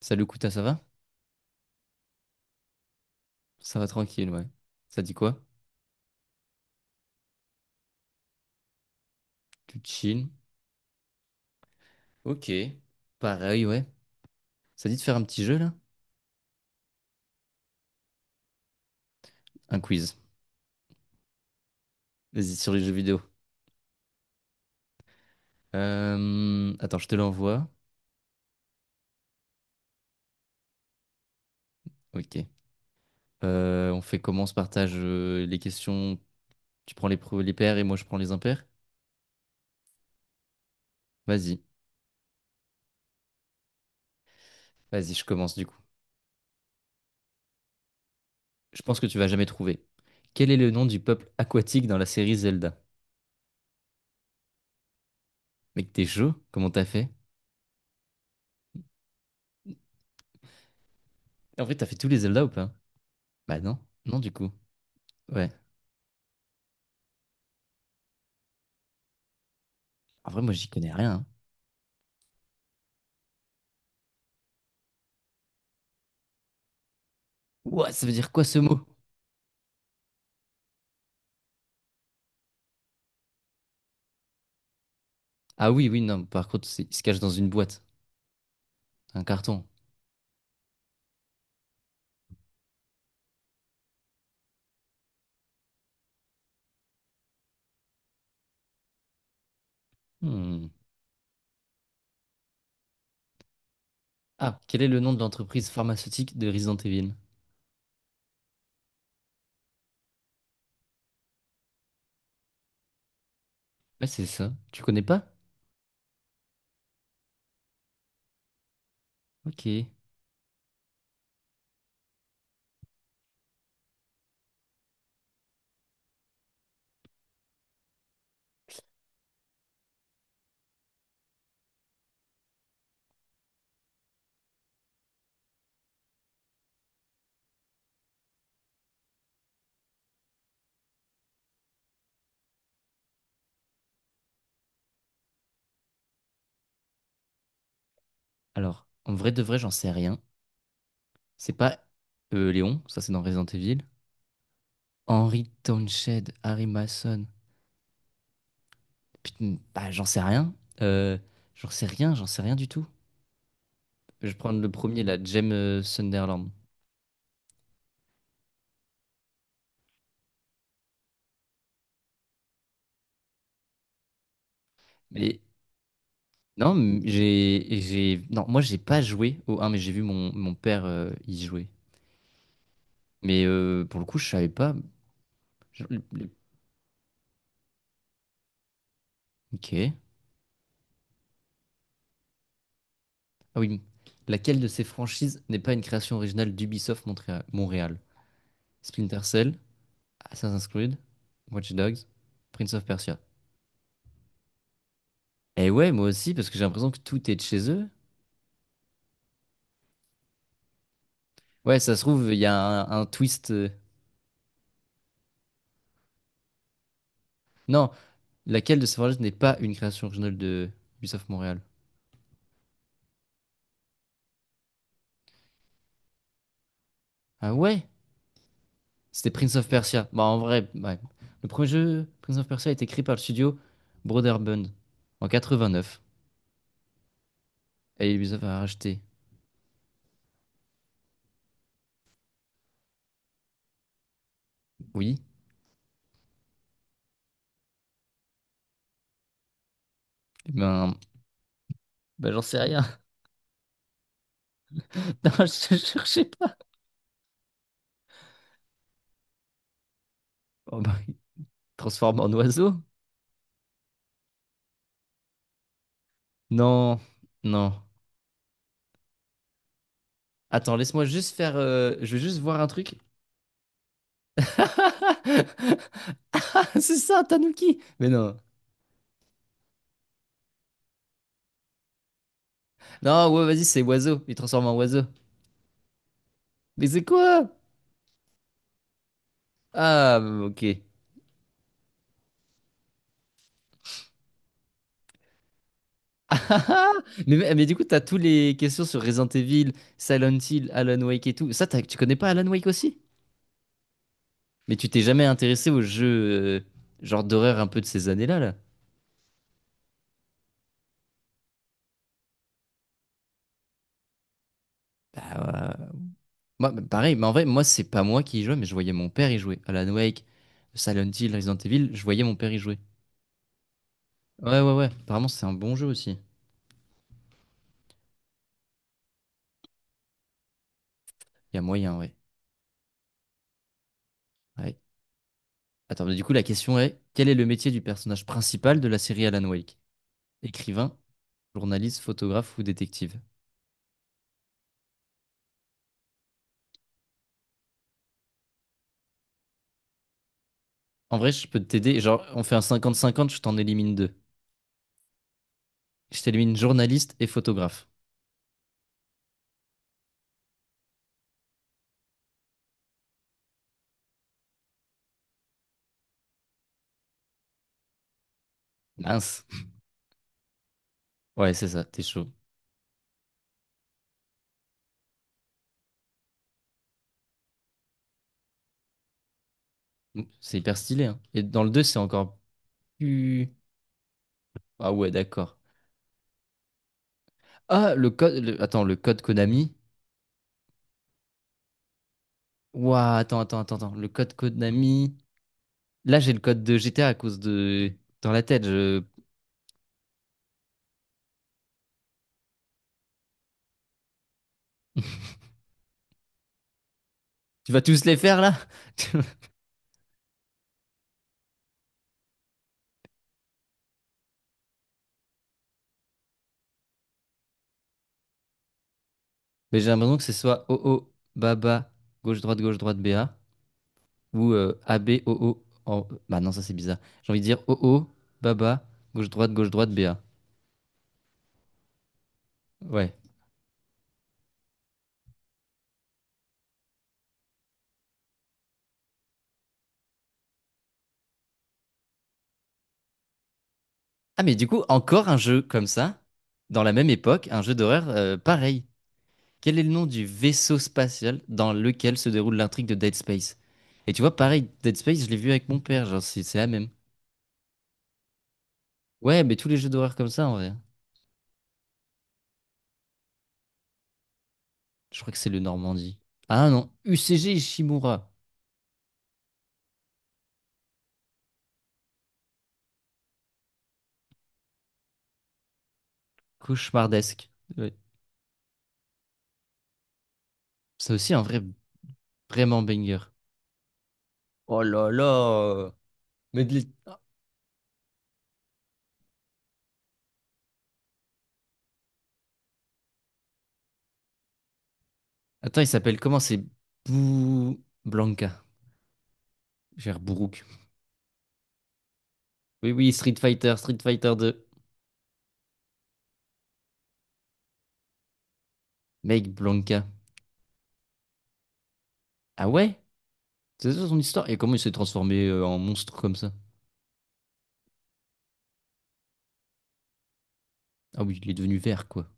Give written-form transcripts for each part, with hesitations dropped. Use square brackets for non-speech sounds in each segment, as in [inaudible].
Salut Kouta, ça va? Ça va tranquille, ouais. Ça dit quoi? Tu chill? Ok. Pareil, ouais. Ça dit de faire un petit jeu, là? Un quiz. Vas-y, sur les jeux vidéo. Attends, je te l'envoie. Ok. On fait comment? On se partage les questions. Tu prends les pairs et moi je prends les impairs? Vas-y. Vas-y, je commence du coup. Je pense que tu vas jamais trouver. Quel est le nom du peuple aquatique dans la série Zelda? Mec, t'es chaud? Comment t'as fait? En vrai, t'as fait tous les Zelda ou pas? Bah non. Non, du coup. Ouais. En vrai, moi, j'y connais rien, hein. Ouah, ça veut dire quoi ce mot? Ah oui, oui, non, par contre, il se cache dans une boîte, un carton. Hmm. Ah, quel est le nom de l'entreprise pharmaceutique de Resident Evil? Ouais, c'est ça. Tu connais pas? Ok. Alors, en vrai de vrai, j'en sais rien. C'est pas Léon, ça c'est dans Resident Evil. Henry Townsend, Harry Mason. Putain, bah, j'en sais rien. Euh, J'en sais rien, j'en sais rien du tout. Je vais prendre le premier, la James Sunderland. Mais non, non, moi j'ai pas joué au 1, mais j'ai vu mon père y jouer. Mais pour le coup, je savais pas. Je- le- le- Ok. Ah oui. Laquelle de ces franchises n'est pas une création originale d'Ubisoft Montréal, Montréal? Splinter Cell, Assassin's Creed, Watch Dogs, Prince of Persia. Eh ouais, moi aussi, parce que j'ai l'impression que tout est de chez eux. Ouais, ça se trouve, il y a un twist. Non, laquelle de ces franchises n'est pas une création originale de Ubisoft Montréal? Ah ouais? C'était Prince of Persia. Bah, en vrai, ouais. Le premier jeu, Prince of Persia, a été créé par le studio Broderbund en 89. Et Ubisoft a racheté. Oui. Eh ben, j'en sais rien. [laughs] Non, je ne cherchais pas. Oh, bah, il transforme en oiseau? Non, non. Attends, laisse-moi juste faire. Je veux juste voir un truc. [laughs] C'est ça, Tanuki! Mais non. Non, ouais, vas-y, c'est oiseau. Il transforme en oiseau. Mais c'est quoi? Ah, ok. [laughs] Ah, mais du coup, t'as tous les questions sur Resident Evil, Silent Hill, Alan Wake et tout. Ça, tu connais pas Alan Wake aussi? Mais tu t'es jamais intéressé aux jeux genre d'horreur un peu de ces années-là, là. Bah, ouais. Moi, bah, pareil, mais en vrai, moi, c'est pas moi qui y jouais, mais je voyais mon père y jouer. Alan Wake, Silent Hill, Resident Evil, je voyais mon père y jouer. Ouais, ouais, ouais. Apparemment, c'est un bon jeu aussi. Il y a moyen, ouais. Ouais. Attends, mais du coup, la question est, quel est le métier du personnage principal de la série Alan Wake? Écrivain, journaliste, photographe ou détective? En vrai, je peux t'aider. Genre, on fait un 50-50, je t'en élimine deux. Je t'élimine journaliste et photographe. Mince. Ouais, c'est ça, t'es chaud. C'est hyper stylé, hein. Et dans le 2, c'est encore plus. Ah ouais, d'accord. Ah, le code, attends, le code Konami. Ouah, attends, attends, attends, attends. Le code Konami. Là, j'ai le code de GTA à cause de. Dans la tête, je. Tu vas tous les faire, là? [laughs] Mais j'ai l'impression que ce soit OO, Baba, gauche-droite, gauche-droite, BA. Ou AB, OO. Bah non, ça c'est bizarre. J'ai envie de dire OO, Baba, gauche-droite, gauche-droite, BA. Ouais. Ah, mais du coup, encore un jeu comme ça, dans la même époque, un jeu d'horreur pareil. Quel est le nom du vaisseau spatial dans lequel se déroule l'intrigue de Dead Space? Et tu vois, pareil, Dead Space, je l'ai vu avec mon père, genre c'est la même. Ouais, mais tous les jeux d'horreur comme ça en vrai. Je crois que c'est le Normandie. Ah non, UCG Ishimura. Cauchemardesque. Ouais. Ça aussi, un vrai, vraiment banger. Oh là là! Mais de l'é- Attends, il s'appelle comment? C'est Blanca. J'ai l'air bourrouk. Oui, oui, Street Fighter, Street Fighter 2. Mec, Blanca. Ah ouais? C'est ça son histoire? Et comment il s'est transformé en monstre comme ça? Ah oui, il est devenu vert, quoi.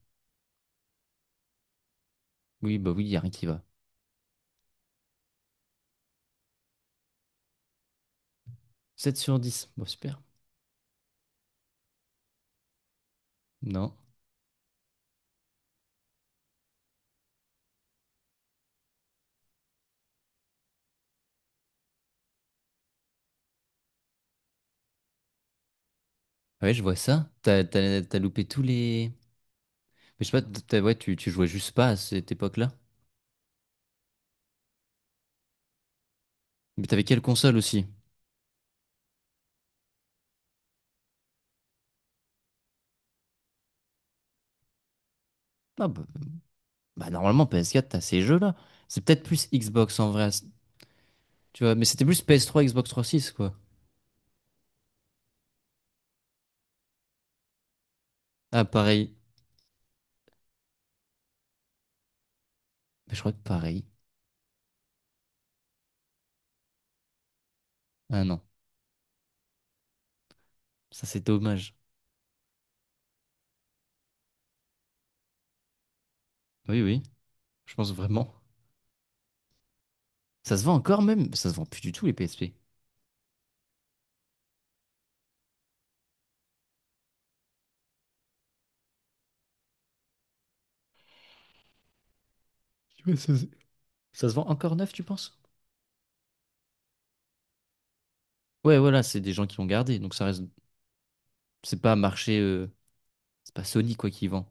Oui, bah oui, y a rien qui va. 7 sur 10. Bon, super. Non. Ah ouais, je vois ça. T'as loupé tous les. Mais je sais pas, ouais, tu jouais juste pas à cette époque-là. Mais t'avais quelle console aussi? Ah bah, normalement, PS4, t'as ces jeux-là. C'est peut-être plus Xbox en vrai. Tu vois, mais c'était plus PS3, Xbox 360, quoi. Ah, pareil. Mais je crois que pareil. Ah non, ça c'est dommage. Oui, oui, je pense vraiment. Ça se vend encore même? Ça se vend plus du tout les PSP. Ouais, ça, c'est- Ça se vend encore neuf, tu penses? Ouais, voilà, c'est des gens qui l'ont gardé, donc ça reste. C'est pas marché. C'est pas Sony, quoi, qui vend.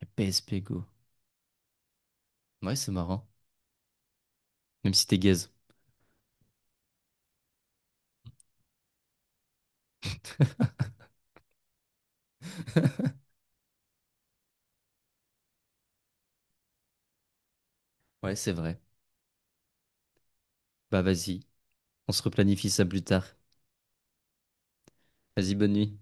La PSP Go. Ouais, c'est marrant. Même si t'es gaze. [laughs] Ouais, c'est vrai. Bah, vas-y, on se replanifie ça plus tard. Vas-y, bonne nuit.